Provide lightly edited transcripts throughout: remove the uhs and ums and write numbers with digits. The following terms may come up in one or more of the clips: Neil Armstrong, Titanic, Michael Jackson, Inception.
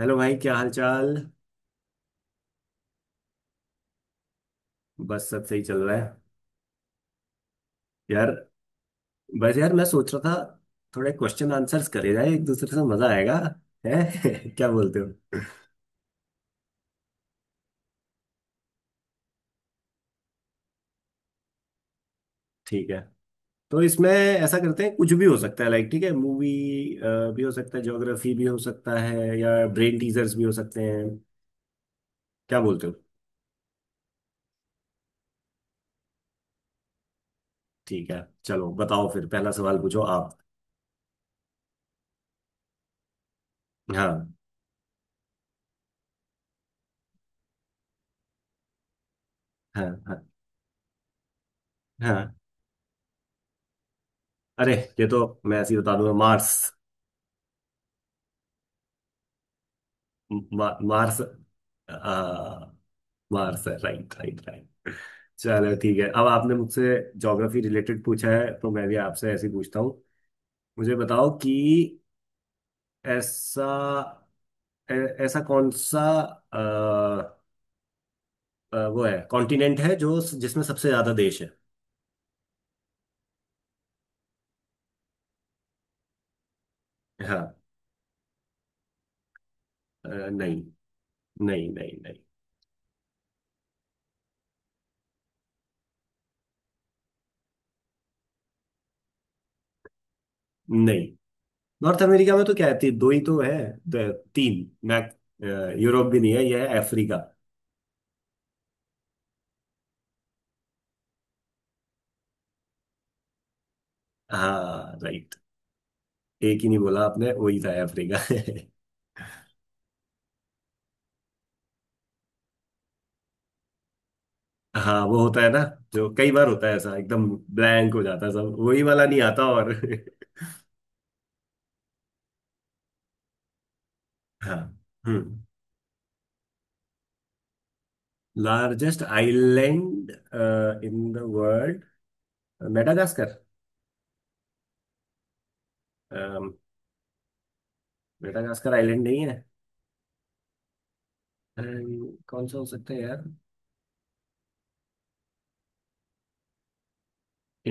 Hello भाई, क्या हाल चाल। बस सब सही चल रहा है। यार, बस यार मैं सोच रहा था थोड़े क्वेश्चन आंसर्स करे जाए एक दूसरे से, मजा आएगा। है क्या बोलते हो। ठीक है, तो इसमें ऐसा करते हैं, कुछ भी हो सकता है लाइक, ठीक है, मूवी भी हो सकता है, ज्योग्राफी भी हो सकता है, या ब्रेन टीजर्स भी हो सकते हैं। क्या बोलते हो। ठीक है, चलो बताओ फिर, पहला सवाल पूछो आप। हाँ। हाँ। हाँ। हाँ। अरे, ये तो, मैं ऐसे ही बता दूंगा, मार्स। मार्स। आ, बाहर से। Right right right. चलो ठीक है, अब आपने मुझसे ज्योग्राफी रिलेटेड पूछा है तो मैं भी आपसे ऐसे ही पूछता हूँ। मुझे बताओ कि ऐसा, ऐ- ऐसा कौन सा अ, वो है कॉन्टिनेंट है जो जिसमें सबसे ज्यादा देश है। हाँ। नहीं नहीं। नहीं नहीं नहीं। नॉर्थ अमेरिका में तो क्या है, दो ही तो है। तीन मैक। यूरोप भी नहीं है, यह है अफ्रीका। हाँ राइट। एक ही नहीं बोला आपने, वही था अफ्रीका। हाँ, वो होता है ना, जो कई बार होता है ऐसा, एकदम ब्लैंक हो जाता है, सब वही वाला नहीं आता और। हाँ। Hmm. Largest island in the world. Madagascar. Madagascar island नहीं है। कौन सा हो सकता है यार।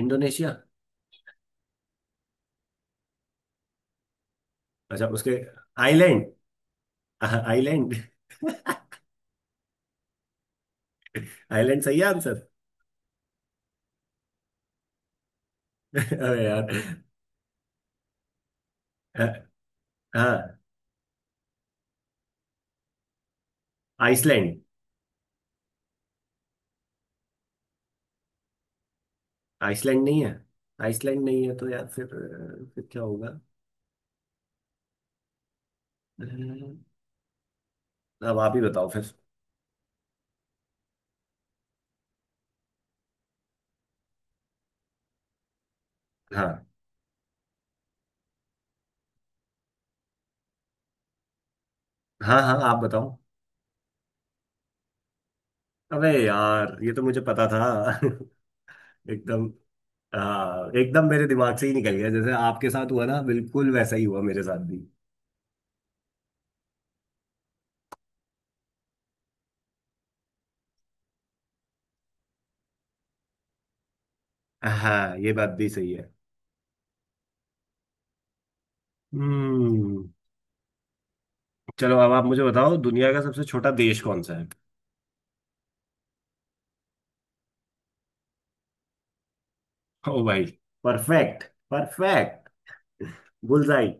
इंडोनेशिया। अच्छा उसके। आइलैंड, आइलैंड, आइलैंड सही है आंसर। अरे यार। अ, हाँ, आइसलैंड। आइसलैंड नहीं है। आइसलैंड नहीं है तो यार फिर फिर क्या होगा। अ, अब आप ही बताओ फिर। हाँ। हाँ हाँ आप बताओ। अबे यार, ये तो मुझे पता था। एकदम। हाँ, एकदम मेरे दिमाग से ही निकल गया, जैसे आपके साथ हुआ ना, बिल्कुल वैसा ही हुआ मेरे साथ भी। हाँ, ये बात भी सही है। हम्म। चलो अब आप मुझे बताओ, दुनिया का सबसे छोटा देश कौन सा है। ओ भाई, परफेक्ट। परफेक्ट। बुलजाई।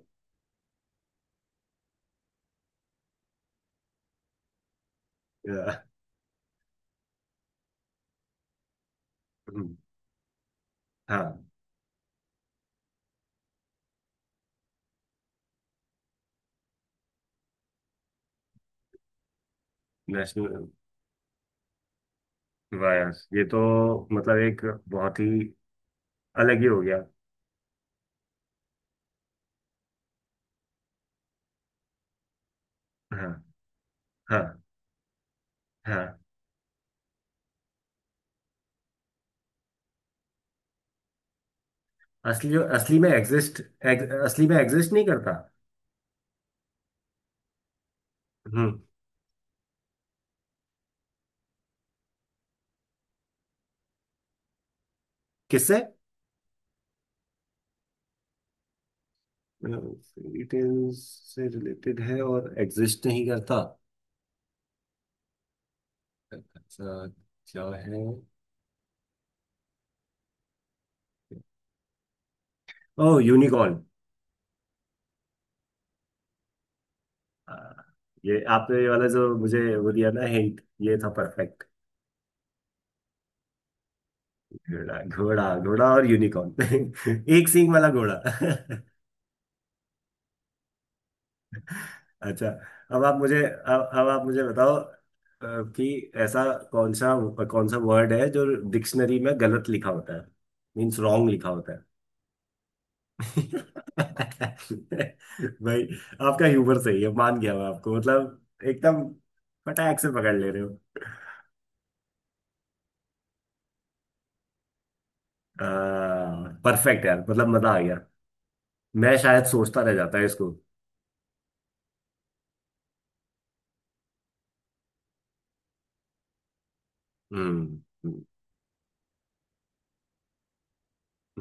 हाँ। नेशनल वायर्स ये तो, मतलब एक बहुत ही अलग ही हो गया। हाँ। हाँ। हाँ। असली, असली में एग्जिस्ट। असली में एग्जिस्ट नहीं करता। हम्म। किससे। डिटेल्स से रिलेटेड है और एग्जिस्ट नहीं करता, ऐसा, क्या है। ओह, यूनिकॉर्न। ये आपने ये वाला जो मुझे वो दिया ना हिंट, ये था परफेक्ट। घोड़ा, घोड़ा, घोड़ा और यूनिकॉर्न। एक सींग वाला घोड़ा। अच्छा, अब आप मुझे, अब आप मुझे बताओ कि ऐसा कौन सा, कौन सा वर्ड है जो डिक्शनरी में गलत लिखा होता है, मीन्स रॉन्ग लिखा होता है। भाई, आपका ह्यूमर सही है, मान गया मैं आपको, मतलब एकदम फटाक से पकड़ ले रहे हो। परफेक्ट यार, मतलब मजा आ गया। मैं शायद सोचता रह जाता है इसको। हम्म। हम्म।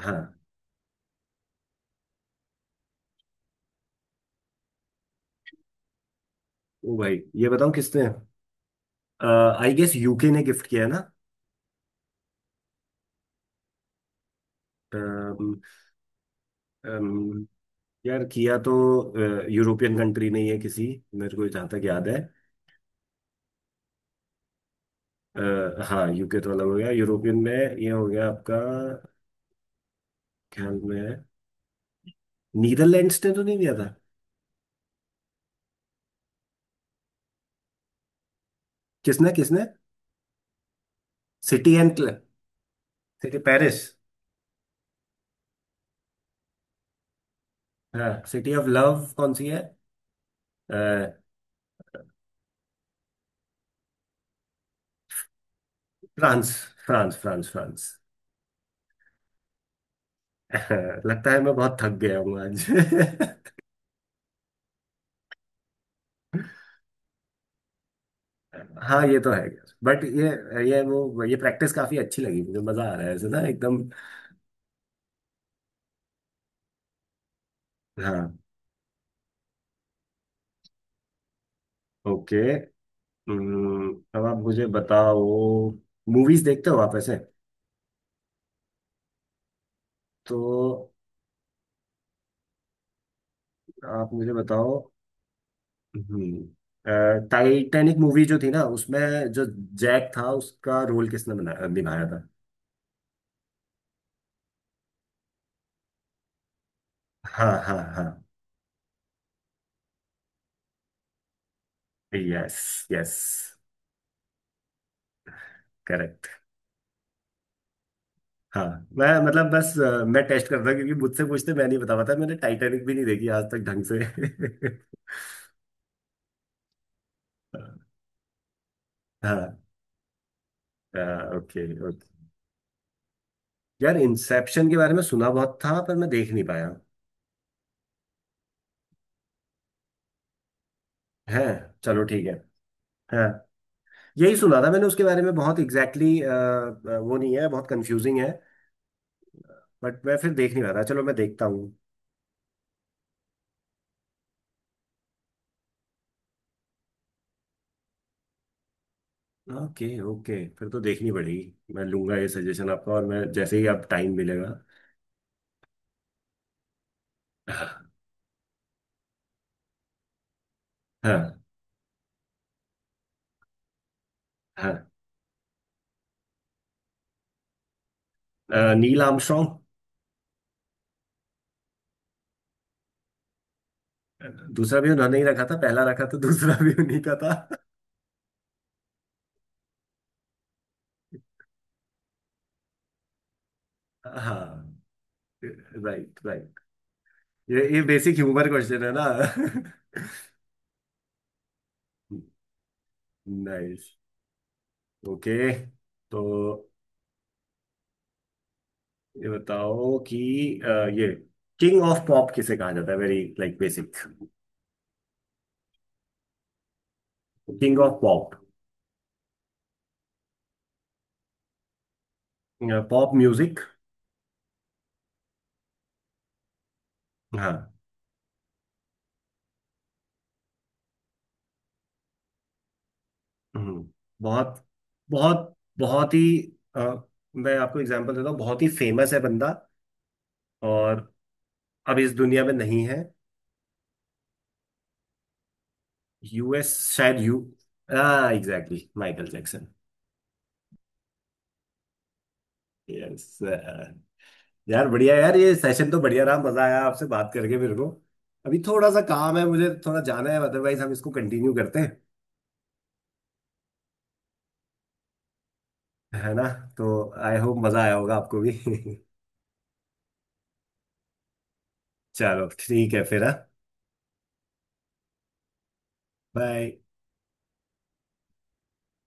हाँ। ओ भाई, ये बताओ किसने। आई गेस यूके ने गिफ्ट किया है। ना। यार, किया तो यूरोपियन कंट्री नहीं है किसी, मेरे को जहाँ तक याद है। हाँ, यूके तो अलग हो गया यूरोपियन में, ये हो गया आपका ख्याल में। नीदरलैंड्स ने तो नहीं दिया था। किसने, किसने। City and. City, Paris. हाँ, सिटी ऑफ लव कौन सी है। अ, फ्रांस। France, France, France. लगता है मैं बहुत थक गया हूँ आज। हाँ, ये तो है यार, बट ये वो ये प्रैक्टिस काफी अच्छी लगी मुझे, मजा आ रहा है ऐसे ना एकदम। हाँ। ओके। अब आप मुझे बताओ, मूवीज देखते हो आप ऐसे। तो आप मुझे बताओ। हम्म, टाइटैनिक मूवी जो थी ना उसमें, जो जैक था, उसका रोल किसने बना निभाया था। हाँ हाँ हाँ। यस। Yes, correct. हाँ, मैं मतलब बस, मैं टेस्ट कर रहा क्योंकि मुझसे पूछते मैं नहीं बता पाता, मैंने टाइटैनिक भी नहीं देखी आज तक ढंग से। हाँ। Okay okay. यार, इंसेप्शन के बारे में सुना बहुत था पर मैं देख नहीं पाया। है। चलो ठीक है। हाँ। यही सुना था मैंने उसके बारे में, बहुत एग्जैक्टली exactly, वो नहीं है, बहुत कंफ्यूजिंग है। बट मैं फिर देख नहीं रहा था, चलो मैं देखता हूँ। ओके ओके, फिर तो देखनी पड़ेगी, मैं लूंगा ये सजेशन आपका और मैं जैसे ही आप टाइम मिलेगा। हाँ। हाँ। Neil Armstrong. दूसरा भी उन्होंने ही रखा था, पहला रखा था, दूसरा भी उन्हीं का था। हाँ। Right right. ये बेसिक ह्यूमर क्वेश्चन है ना। नाइस। ओके। तो ये बताओ कि अ, ये किंग ऑफ पॉप किसे कहा जाता है, very like basic. King of pop. Pop music. हाँ। हम्म। बहुत, बहुत, बहुत ही अ, मैं आपको एग्जांपल देता हूँ, बहुत ही फेमस है बंदा, और अब इस दुनिया में नहीं है। यूएस शायद यू। हाँ, एग्जैक्टली माइकल जैक्सन। यस। यार बढ़िया, यार ये सेशन तो बढ़िया रहा, मजा आया आपसे बात करके मेरे को। अभी थोड़ा सा काम है मुझे, थोड़ा जाना है, अदरवाइज हम इसको कंटिन्यू करते हैं। है ना। तो आई होप मजा आया होगा आपको भी। चलो ठीक है फिर। हाँ। बाय।